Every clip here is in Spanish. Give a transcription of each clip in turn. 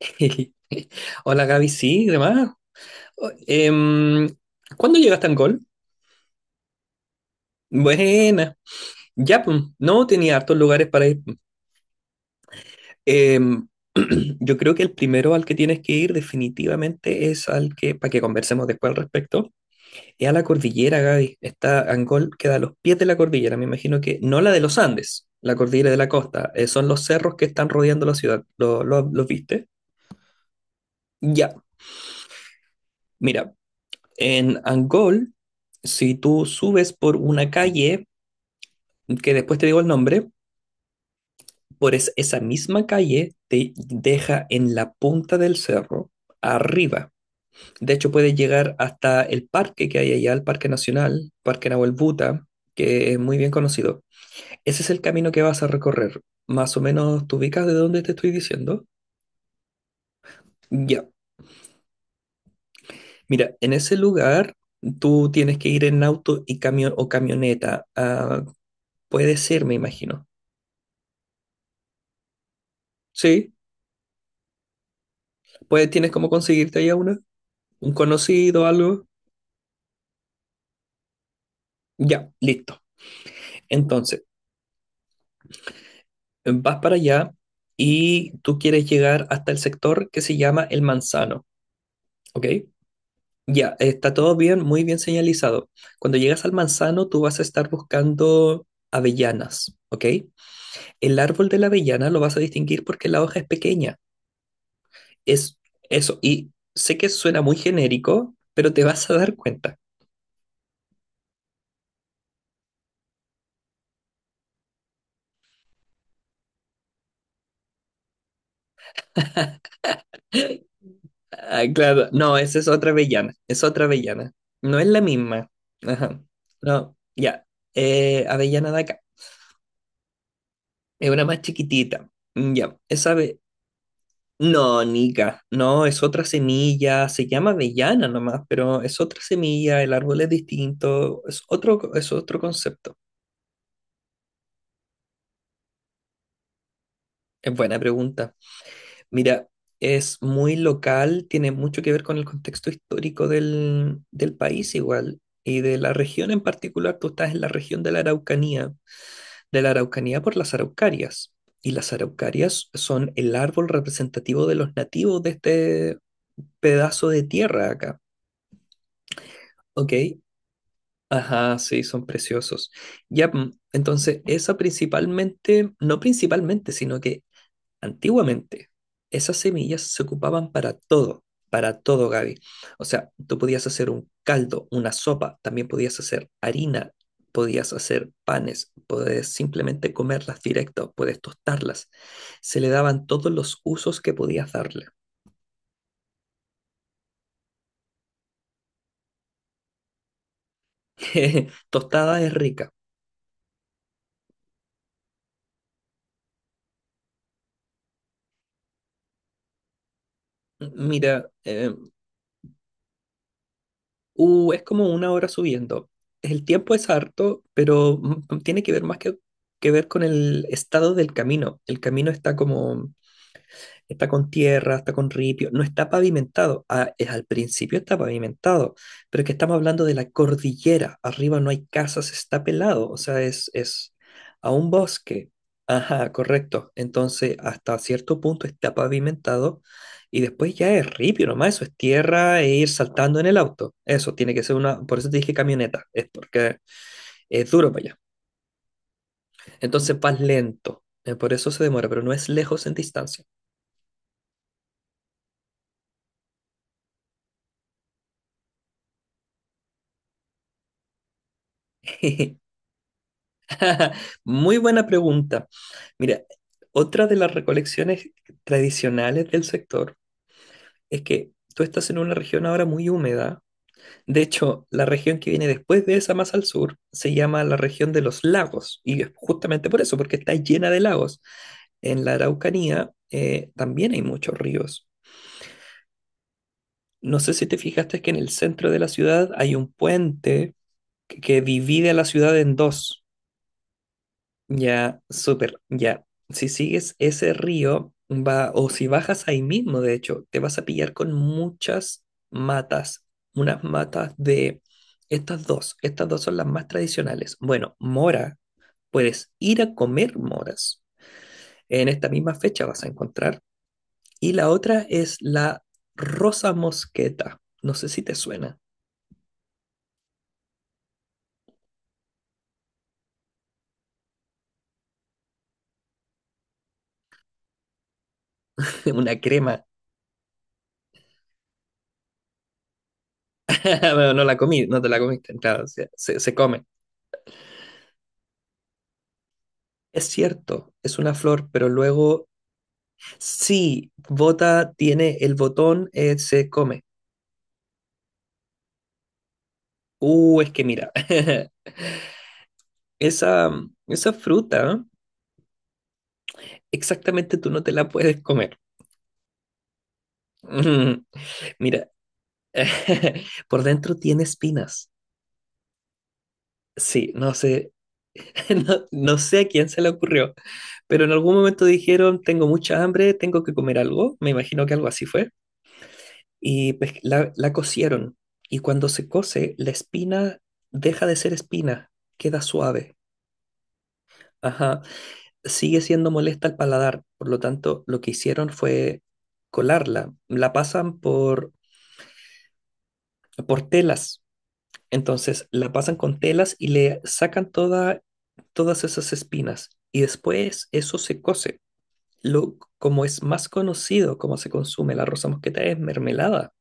Hola Gaby, sí, demás. O- em, ¿Cuándo llegaste a Angol? Buena. Ya, pues, no tenía hartos lugares para ir. Em, yo creo que el primero al que tienes que ir definitivamente es al que, para que conversemos después al respecto, es a la cordillera, Gaby. Está Angol, queda a los pies de la cordillera, me imagino que, no la de los Andes, la cordillera de la costa, son los cerros que están rodeando la ciudad. Los viste? Ya, mira. En Angol, si tú subes por una calle, que después te digo el nombre, por esa misma calle te deja en la punta del cerro, arriba. De hecho, puedes llegar hasta el parque que hay allá, el Parque Nacional, Parque Nahuel Buta, que es muy bien conocido. Ese es el camino que vas a recorrer. Más o menos, ¿te ubicas de dónde te estoy diciendo? Ya. Mira, en ese lugar tú tienes que ir en auto y camión o camioneta. Ah, puede ser, me imagino. Sí, pues tienes cómo conseguirte ahí a una, un conocido, algo. Ya, listo. Entonces, vas para allá y tú quieres llegar hasta el sector que se llama El Manzano, ¿ok? Ya, está todo bien, muy bien señalizado. Cuando llegas al manzano, tú vas a estar buscando avellanas, ¿ok? El árbol de la avellana lo vas a distinguir porque la hoja es pequeña. Es eso. Y sé que suena muy genérico, pero te vas a dar cuenta. Ah, claro, no, esa es otra avellana, es otra avellana. No es la misma. Ajá. No, ya. Avellana de acá. Es una más chiquitita. Mm, ya, esa ave... No, Nica, no, es otra semilla, se llama avellana nomás, pero es otra semilla, el árbol es distinto, es otro concepto. Es buena pregunta. Mira, es muy local, tiene mucho que ver con el contexto histórico del país igual y de la región en particular. Tú estás en la región de la Araucanía por las araucarias. Y las araucarias son el árbol representativo de los nativos de este pedazo de tierra acá. ¿Ok? Ajá, sí, son preciosos. Ya, entonces esa principalmente, no principalmente, sino que antiguamente, esas semillas se ocupaban para todo, Gaby. O sea, tú podías hacer un caldo, una sopa, también podías hacer harina, podías hacer panes, podías simplemente comerlas directo, puedes tostarlas. Se le daban todos los usos que podías darle. Tostada es rica. Mira, es como una hora subiendo. El tiempo es harto, pero tiene que ver más que ver con el estado del camino. El camino está como está con tierra, está con ripio, no está pavimentado. Ah, es al principio está pavimentado, pero es que estamos hablando de la cordillera. Arriba no hay casas, está pelado, o sea, es a un bosque. Ajá, correcto. Entonces, hasta cierto punto está pavimentado y después ya es ripio nomás, eso es tierra e ir saltando en el auto. Eso tiene que ser una, por eso te dije camioneta, es porque es duro para allá. Entonces vas lento, por eso se demora, pero no es lejos en distancia. Muy buena pregunta. Mira, otra de las recolecciones tradicionales del sector es que tú estás en una región ahora muy húmeda. De hecho, la región que viene después de esa más al sur se llama la región de los lagos. Y es justamente por eso, porque está llena de lagos. En la Araucanía también hay muchos ríos. No sé si te fijaste que en el centro de la ciudad hay un puente que divide a la ciudad en dos. Ya, súper, ya. Si sigues ese río, va, o si bajas ahí mismo, de hecho, te vas a pillar con muchas matas, unas matas de estas dos son las más tradicionales. Bueno, mora, puedes ir a comer moras, en esta misma fecha vas a encontrar. Y la otra es la rosa mosqueta, no sé si te suena, una crema, bueno, no la comí, no te la comiste, claro, se come. Es cierto, es una flor, pero luego sí, bota tiene el botón, se come. Es que mira, esa, esa fruta, ¿eh? Exactamente tú no te la puedes comer. Mm, mira, por dentro tiene espinas. Sí, no sé, no, no sé a quién se le ocurrió, pero en algún momento dijeron, tengo mucha hambre, tengo que comer algo, me imagino que algo así fue, y pues la cocieron, y cuando se cose, la espina deja de ser espina, queda suave. Ajá. Sigue siendo molesta al paladar. Por lo tanto, lo que hicieron fue colarla. La pasan por telas. Entonces, la pasan con telas y le sacan toda, todas esas espinas. Y después eso se cose. Lo, como es más conocido, como se consume la rosa mosqueta, es mermelada.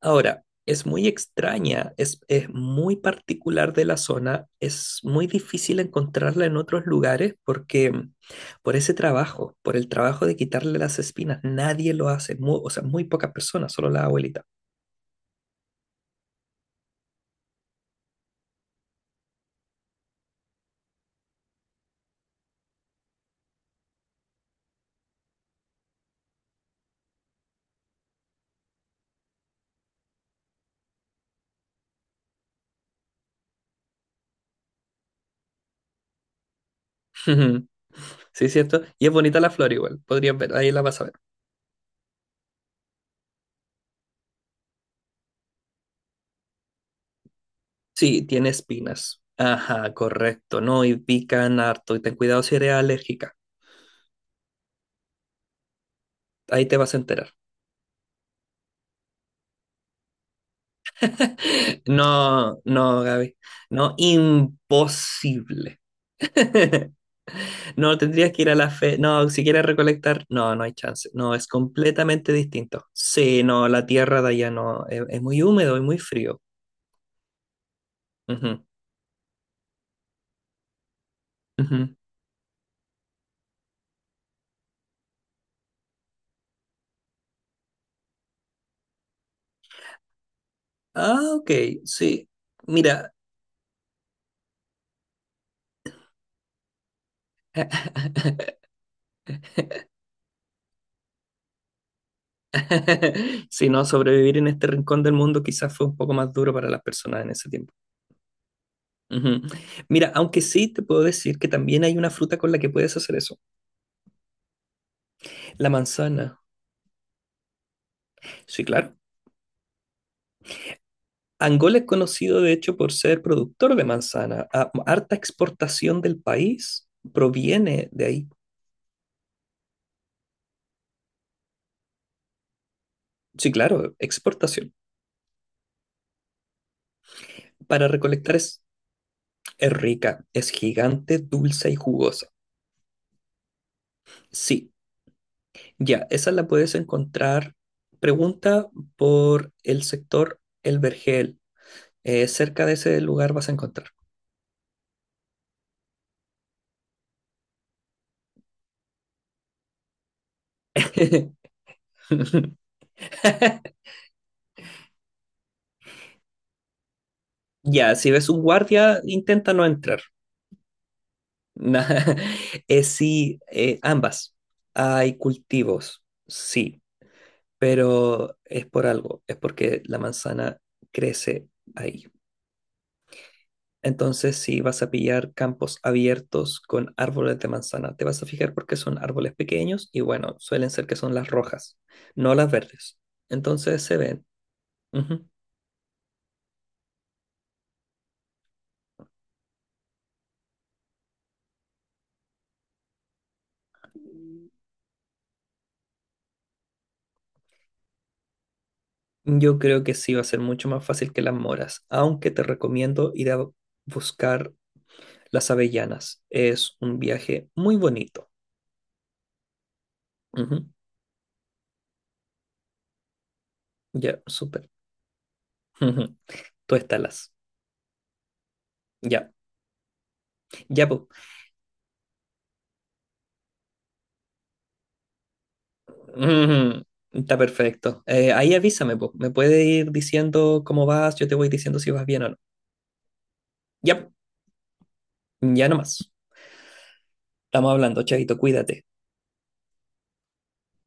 Ahora, es muy extraña, es muy particular de la zona, es muy difícil encontrarla en otros lugares porque por ese trabajo, por el trabajo de quitarle las espinas, nadie lo hace, o sea, muy pocas personas, solo la abuelita. Sí, cierto. Y es bonita la flor igual, podrías ver, ahí la vas a ver. Sí, tiene espinas. Ajá, correcto, no, y pican harto, y ten cuidado si eres alérgica, ahí te vas a enterar. No, no, Gaby, no, imposible. No, tendrías que ir a la fe. No, si quieres recolectar, no, no hay chance. No, es completamente distinto. Sí, no, la tierra de allá no. Es muy húmedo y muy frío. Ujú, ujú. Ah, ok, sí. Mira, si no, sobrevivir en este rincón del mundo quizás fue un poco más duro para las personas en ese tiempo. Ujú. Mira, aunque sí te puedo decir que también hay una fruta con la que puedes hacer eso. La manzana. Sí, claro. Angola es conocido, de hecho, por ser productor de manzana. Harta exportación del país proviene de ahí. Sí, claro, exportación. Para recolectar es rica, es gigante, dulce y jugosa. Sí, ya, esa la puedes encontrar. Pregunta por el sector El Vergel. Cerca de ese lugar vas a encontrar. Ya, si ves un guardia, intenta no entrar. Na- sí, ambas. Hay cultivos, sí, pero es por algo, es porque la manzana crece ahí. Entonces, si vas a pillar campos abiertos con árboles de manzana, te vas a fijar porque son árboles pequeños y bueno, suelen ser que son las rojas, no las verdes. Entonces se ven. Ujú. Yo creo que sí va a ser mucho más fácil que las moras, aunque te recomiendo ir a buscar Las Avellanas. Es un viaje muy bonito. Ujú. Ya, súper. Ujú. Tú estalas. Ya, ya, pues. Está perfecto. Ahí avísame, po. Me puede ir diciendo cómo vas, yo te voy diciendo si vas bien o no. Ya, po. Ya nomás. Estamos hablando, chavito, cuídate.